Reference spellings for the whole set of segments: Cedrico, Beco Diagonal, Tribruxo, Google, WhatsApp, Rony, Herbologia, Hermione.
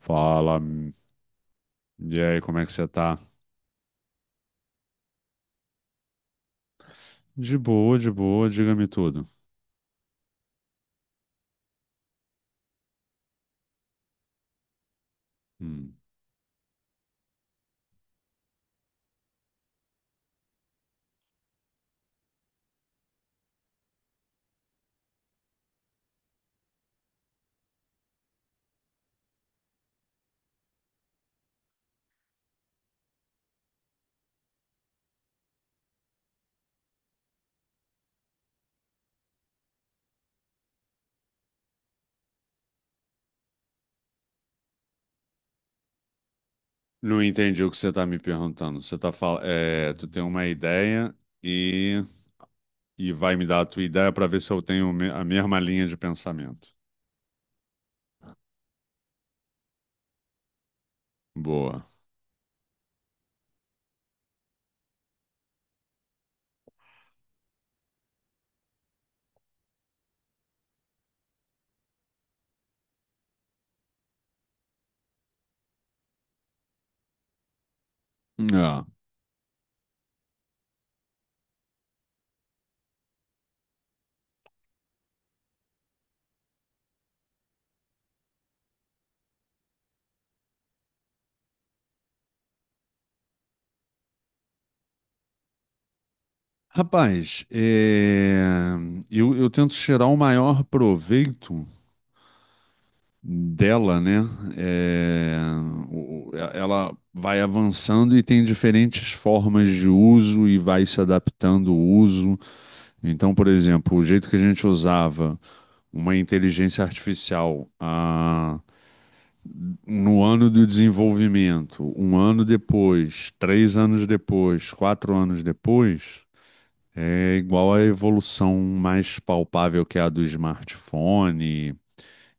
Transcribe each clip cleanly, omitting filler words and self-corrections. Fala, e aí, como é que você tá? De boa, diga-me tudo. Hum. Não entendi o que você tá me perguntando. Você tá fal... é, Tu tem uma ideia e, e vai me dar a tua ideia pra ver se eu tenho a mesma linha de pensamento. Boa. É. Rapaz, eu tento tirar o maior proveito dela, né? É, ela vai avançando e tem diferentes formas de uso e vai se adaptando o uso. Então, por exemplo, o jeito que a gente usava uma inteligência artificial no ano do desenvolvimento, um ano depois, 3 anos depois, 4 anos depois. É igual à evolução mais palpável que é a do smartphone,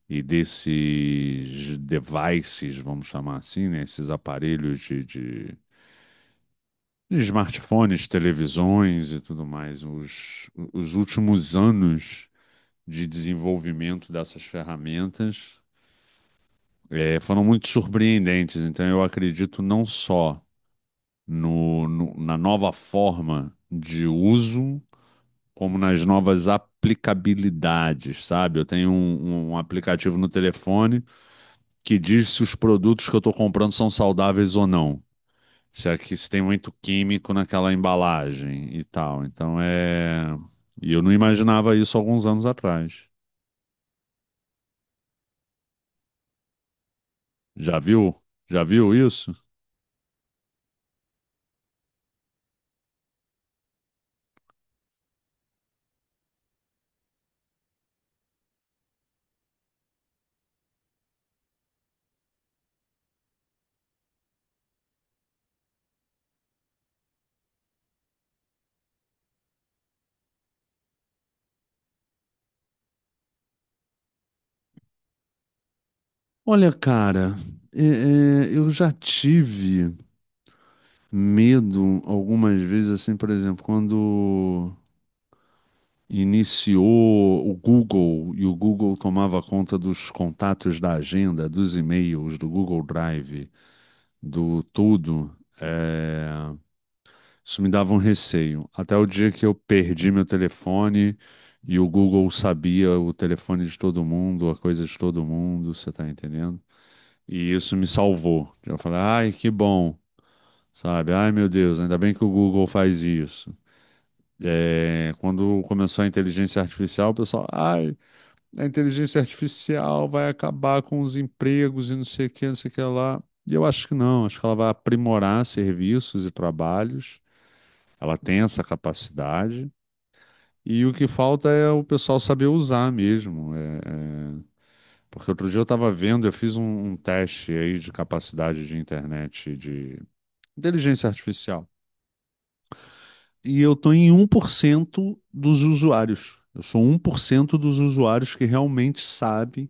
e desses devices, vamos chamar assim, né? Esses aparelhos de smartphones, televisões e tudo mais, os últimos anos de desenvolvimento dessas ferramentas foram muito surpreendentes. Então, eu acredito não só na nova forma de uso, como nas novas aplicabilidades, sabe? Eu tenho um aplicativo no telefone que diz se os produtos que eu estou comprando são saudáveis ou não. Se é que se tem muito químico naquela embalagem e tal. Então é. E eu não imaginava isso alguns anos atrás. Já viu? Já viu isso? Olha, cara, é, eu já tive medo algumas vezes, assim, por exemplo, quando iniciou o Google e o Google tomava conta dos contatos da agenda, dos e-mails, do Google Drive, do tudo, é, isso me dava um receio. Até o dia que eu perdi meu telefone e o Google sabia o telefone de todo mundo, a coisa de todo mundo, você tá entendendo? E isso me salvou. Eu falei, ai, que bom, sabe? Ai, meu Deus, ainda bem que o Google faz isso. É, quando começou a inteligência artificial, o pessoal, ai, a inteligência artificial vai acabar com os empregos e não sei o que, não sei o que lá. E eu acho que não, acho que ela vai aprimorar serviços e trabalhos, ela tem essa capacidade, e o que falta é o pessoal saber usar mesmo. Porque outro dia eu estava vendo, eu fiz um teste aí de capacidade de internet, de inteligência artificial, e eu estou em 1% dos usuários. Eu sou 1% dos usuários que realmente sabem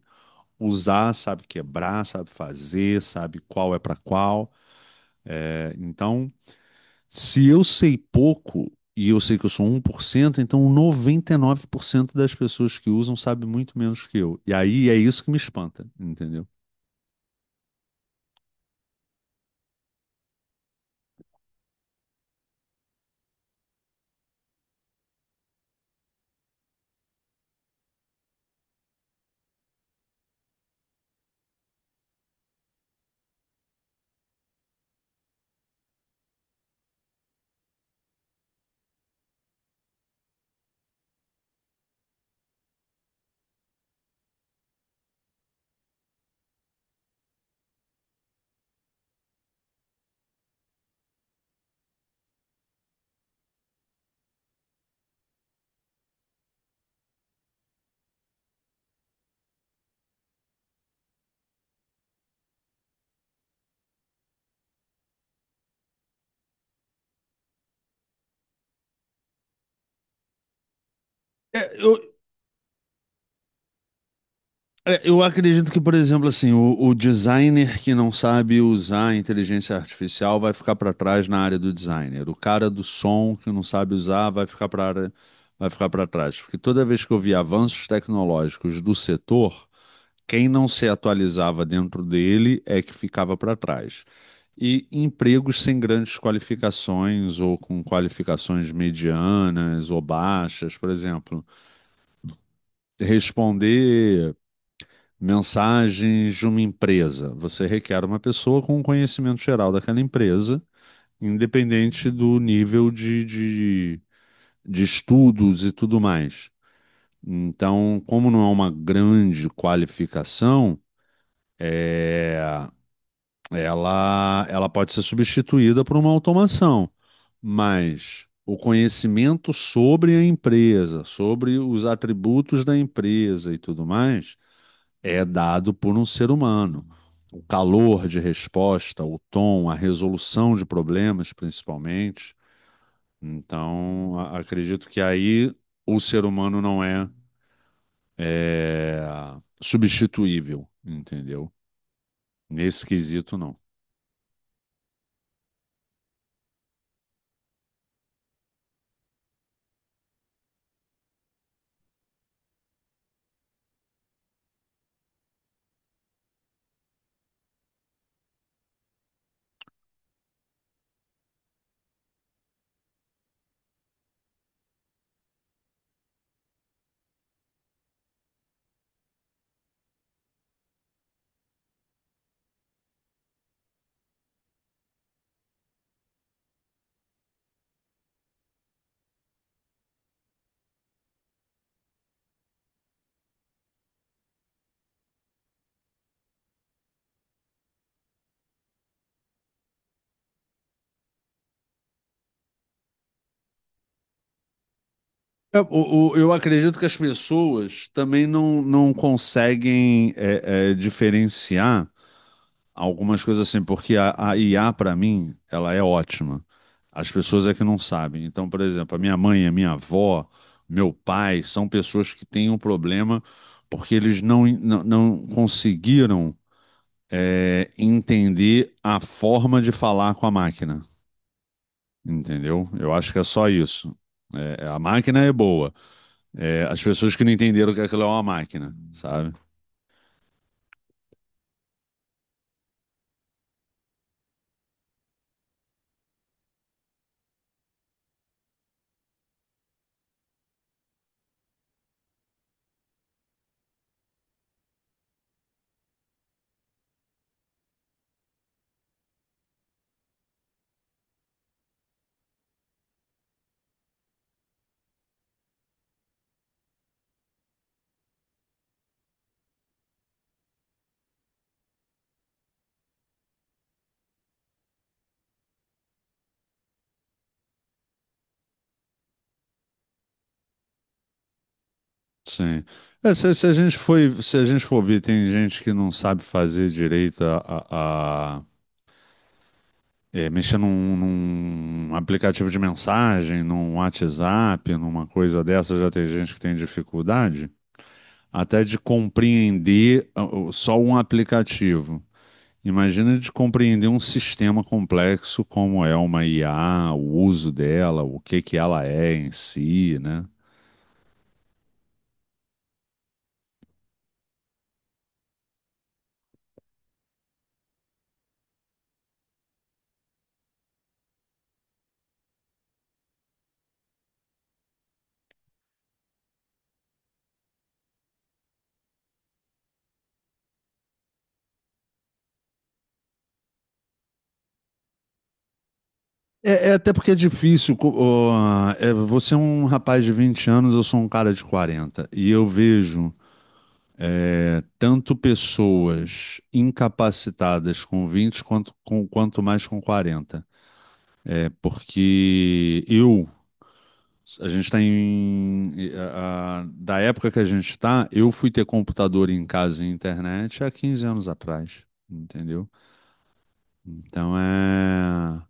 usar, sabe quebrar, sabe fazer, sabe qual é para qual. É, então, se eu sei pouco e eu sei que eu sou 1%, então 99% das pessoas que usam sabe muito menos que eu. E aí é isso que me espanta, entendeu? É, eu, Eu acredito que, por exemplo, assim, o designer que não sabe usar a inteligência artificial vai ficar para trás na área do designer. O cara do som que não sabe usar vai ficar para trás, porque toda vez que eu vi avanços tecnológicos do setor, quem não se atualizava dentro dele é que ficava para trás. E empregos sem grandes qualificações ou com qualificações medianas ou baixas, por exemplo, responder mensagens de uma empresa. Você requer uma pessoa com um conhecimento geral daquela empresa, independente do nível de estudos e tudo mais. Então, como não é uma grande qualificação, é, ela pode ser substituída por uma automação, mas o conhecimento sobre a empresa, sobre os atributos da empresa e tudo mais é dado por um ser humano. O calor de resposta, o tom, a resolução de problemas, principalmente. Então, acredito que aí o ser humano não é substituível, entendeu? Nesse quesito, não. É, eu acredito que as pessoas também não conseguem diferenciar algumas coisas assim, porque a IA, para mim, ela é ótima. As pessoas é que não sabem. Então, por exemplo, a minha mãe, a minha avó, meu pai, são pessoas que têm um problema porque eles não conseguiram, entender a forma de falar com a máquina. Entendeu? Eu acho que é só isso. É, a máquina é boa. É, as pessoas que não entenderam que aquilo é uma máquina, sabe? Sim. É, se a gente for ver, tem gente que não sabe fazer direito mexer num aplicativo de mensagem, num WhatsApp, numa coisa dessa, já tem gente que tem dificuldade até de compreender só um aplicativo. Imagina de compreender um sistema complexo como é uma IA, o uso dela, o que que ela é em si, né? É, é até porque é difícil. Você é um rapaz de 20 anos, eu sou um cara de 40. E eu vejo tanto pessoas incapacitadas com 20 quanto, quanto mais com 40. É porque eu. A gente está em. Da época que a gente está, eu fui ter computador em casa e internet há 15 anos atrás. Entendeu? Então é.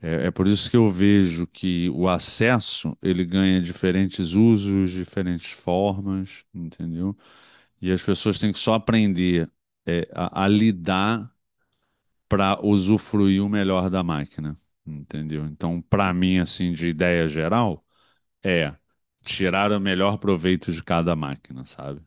É, é por isso que eu vejo que o acesso ele ganha diferentes usos, diferentes formas, entendeu? E as pessoas têm que só aprender a lidar para usufruir o melhor da máquina, entendeu? Então, para mim, assim, de ideia geral, é tirar o melhor proveito de cada máquina, sabe?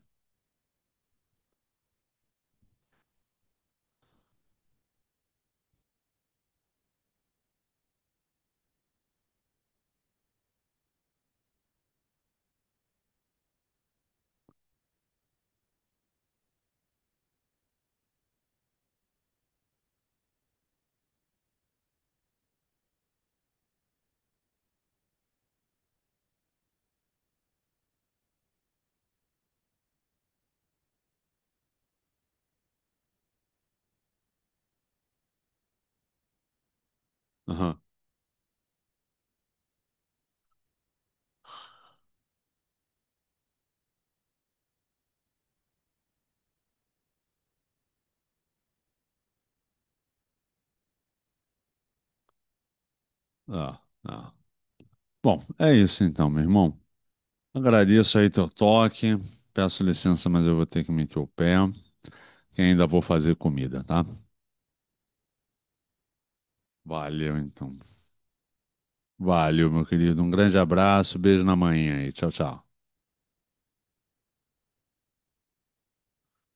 Aham. Ah, ah. Bom, é isso então, meu irmão. Agradeço aí teu toque. Peço licença, mas eu vou ter que meter o pé, que ainda vou fazer comida, tá? Valeu, então. Valeu, meu querido. Um grande abraço, beijo na manhã e tchau, tchau.